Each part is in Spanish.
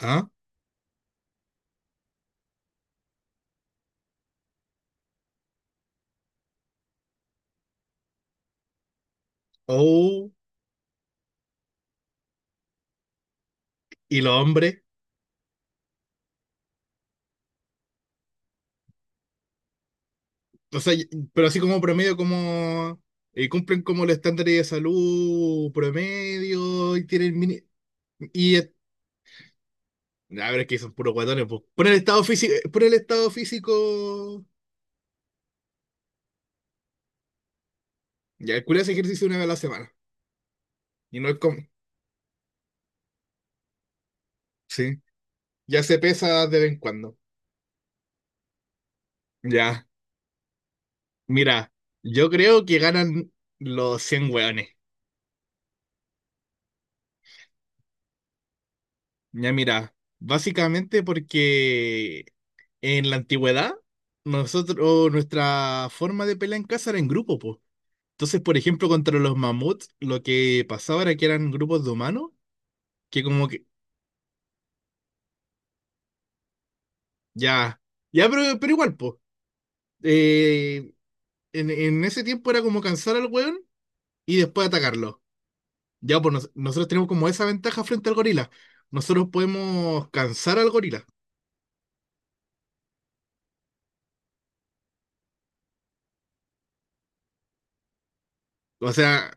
Ah, oh, y los hombres, o sea, pero así como promedio, como cumplen como los estándares de salud promedio y tienen mini. Y es- a ver, es que son puros guatones, pues. Por el estado físico, por el estado físico, ya el culiao hace ejercicio una vez a la semana. Y no es como, sí, ya se pesa de vez en cuando. Ya, mira, yo creo que ganan los 100 hueones. Ya mira, básicamente porque en la antigüedad, nosotros, nuestra forma de pelear en casa era en grupo, po. Entonces, por ejemplo, contra los mamuts, lo que pasaba era que eran grupos de humanos, que como que, ya, ya, pero, igual, po. Eh, en ese tiempo era como cansar al weón y después atacarlo. Ya, pues nosotros tenemos como esa ventaja frente al gorila. Nosotros podemos cansar al gorila. O sea,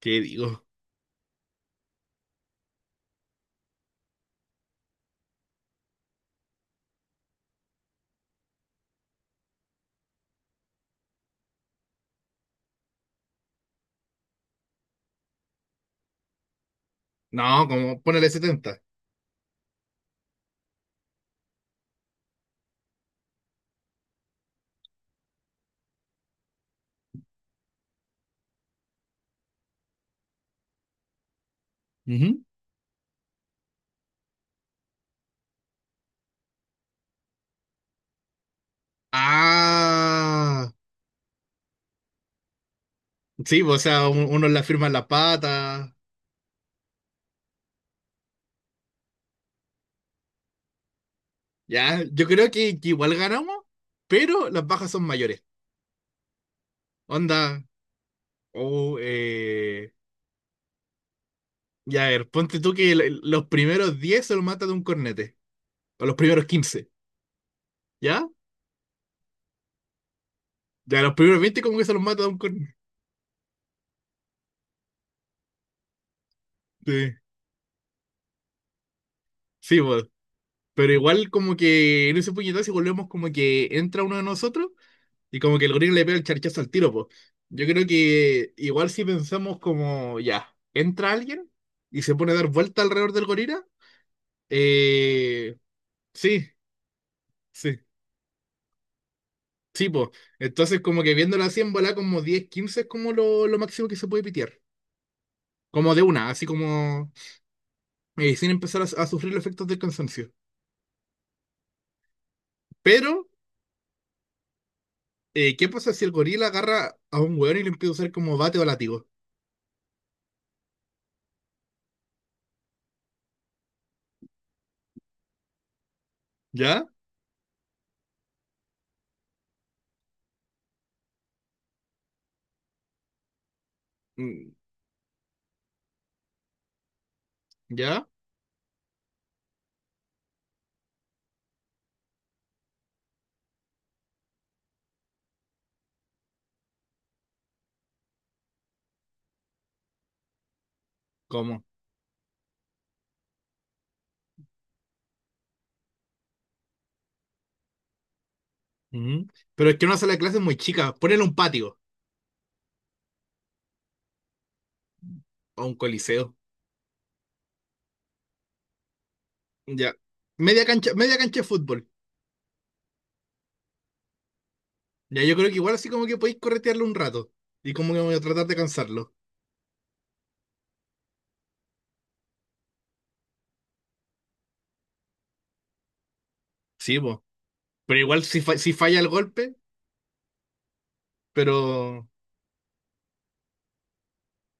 ¿qué digo? No, como ponerle 70. Ah, sí, pues, o sea, uno la firma en la pata. Ya, yo creo que igual ganamos, pero las bajas son mayores. Onda, o ya, a ver, ponte tú que los primeros 10 se los mata de un cornete, o los primeros 15, ¿ya? Ya, los primeros 20 como que se los mata de un cornete. Sí, sí, pues, pero igual como que en ese puñetazo si volvemos como que entra uno de nosotros, y como que el gorila le pega el charchazo al tiro, pues. Yo creo que igual si pensamos como, ya, entra alguien y se pone a dar vuelta alrededor del gorila, eh, sí, sí, sí, pues. Entonces como que viéndolo así en bola como 10, 15 es como lo máximo que se puede pitear. Como de una, así como sin empezar a sufrir los efectos del cansancio. Pero, ¿qué pasa si el gorila agarra a un weón y le empieza a usar como bate o látigo? ¿Ya? Mm. ¿Ya? ¿Cómo? Ujú. Pero es que una sala de clases es muy chica. Ponele un patio o un coliseo. Ya. Media cancha de fútbol. Ya, yo creo que igual así como que podéis corretearlo un rato. Y como que voy a tratar de cansarlo. Sí, pues. Pero igual si, si falla el golpe, pero.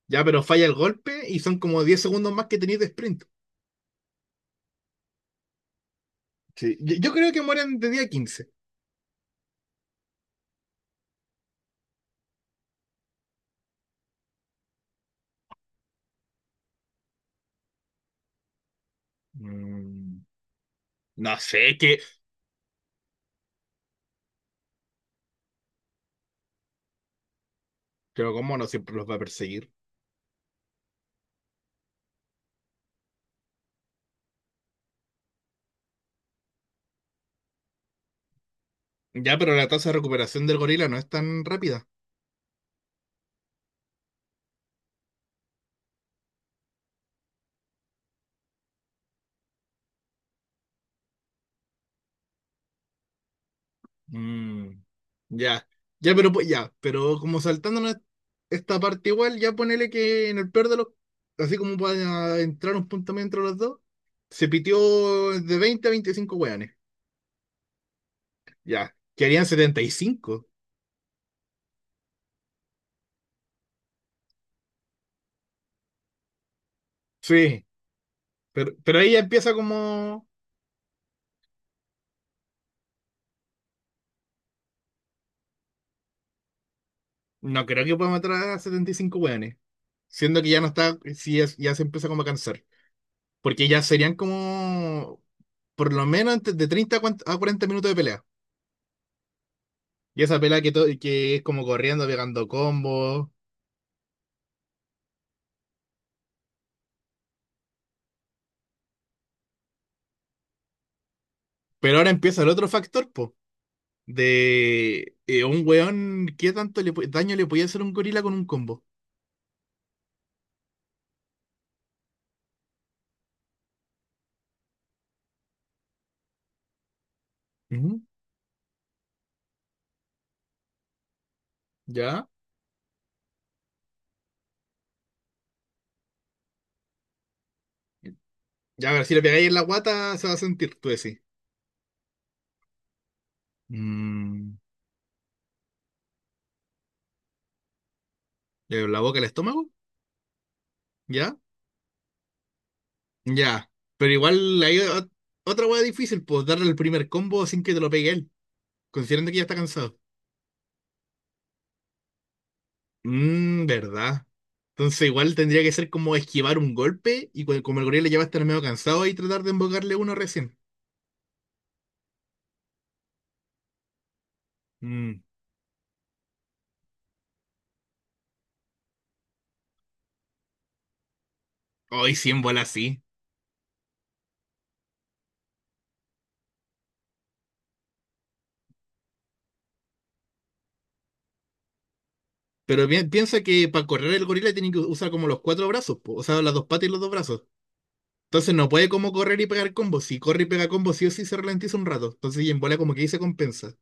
Ya, pero falla el golpe y son como 10 segundos más que tenéis de sprint. Sí. Yo creo que mueren de día quince. Mm, no sé, que. Pero como no siempre los va a perseguir. Ya, pero la tasa de recuperación del gorila no es tan rápida. Mm, ya, ya, pero ya, pero como saltándonos esta parte igual, ya ponele que en el peor de los, así como para entrar un punto medio entre los dos, se pitió de 20 a 25 hueones, ya, que harían 75. Sí, pero, ahí ya empieza como, no creo que pueda matar a 75 hueones, siendo que ya no está, sí, ya se empieza como a cansar, porque ya serían como, por lo menos de 30 a 40 minutos de pelea. Y esa pelea que, que es como corriendo, pegando combos. Pero ahora empieza el otro factor, po. De un weón, ¿qué tanto le daño le podía hacer un gorila con un combo? Ujú. ¿Ya? Ya, a ver, si le pegáis en la guata, se va a sentir, tú decís. Mm, ¿La boca, el estómago? ¿Ya? Ya. Pero igual hay otra weá difícil, pues darle el primer combo sin que te lo pegue él, considerando que ya está cansado. ¿Verdad? Entonces igual tendría que ser como esquivar un golpe y como el gorila ya va a estar medio cansado y tratar de embocarle uno recién. Mmm, Hoy sí, en bola sí. Pero piensa que para correr el gorila tiene que usar como los cuatro brazos, po, o sea, las dos patas y los dos brazos. Entonces no puede como correr y pegar combos. Si corre y pega combos sí o sí se ralentiza un rato. Entonces y en bola como que ahí se compensa.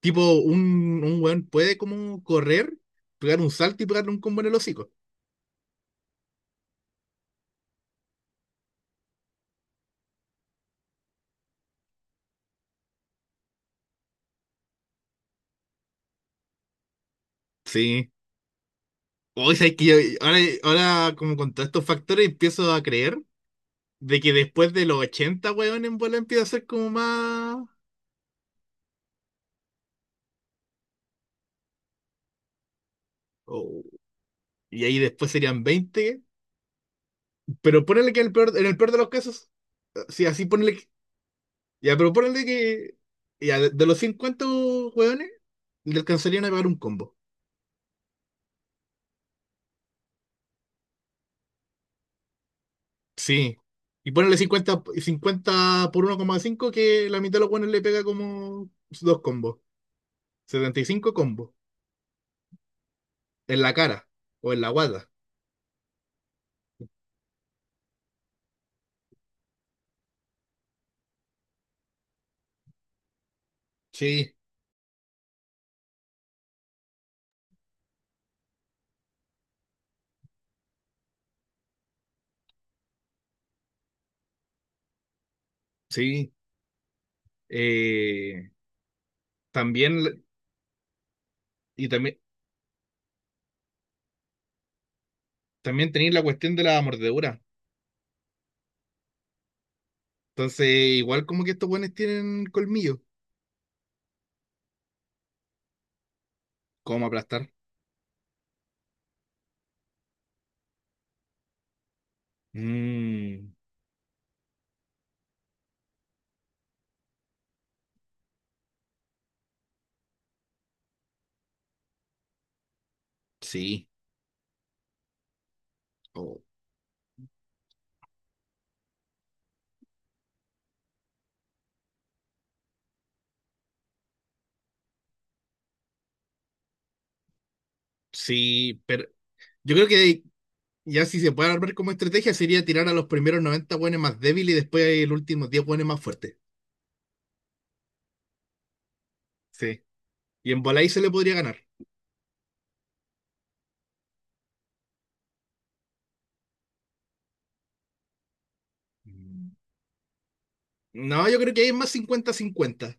Tipo, un weón puede como correr, pegar un salto y pegarle un combo en el hocico. Sí. Hoy sabes que ahora, ahora como con todos estos factores empiezo a creer de que después de los 80 weón, en bola empieza a ser como más... Oh, y ahí después serían 20. Pero ponele que en el peor de los casos, sí, así ponele que... Ya, pero ponele que... Ya, de, los 50 weones, le alcanzarían a pagar un combo. Sí. Y ponele 50, 50 por 1,5 que la mitad de los weones le pega como dos combos. 75 combos. En la cara o en la guata. Sí. Sí, eh, también, y también, también tenéis la cuestión de la mordedura. Entonces, igual como que estos buenos tienen colmillo. ¿Cómo aplastar? Mm, sí, o- sí, pero yo creo que ya si se puede armar como estrategia sería tirar a los primeros 90 buenos más débiles y después los últimos 10 buenos más fuertes. Sí, y en bola ahí se le podría ganar. Mm. No, yo creo que ahí es más 50-50.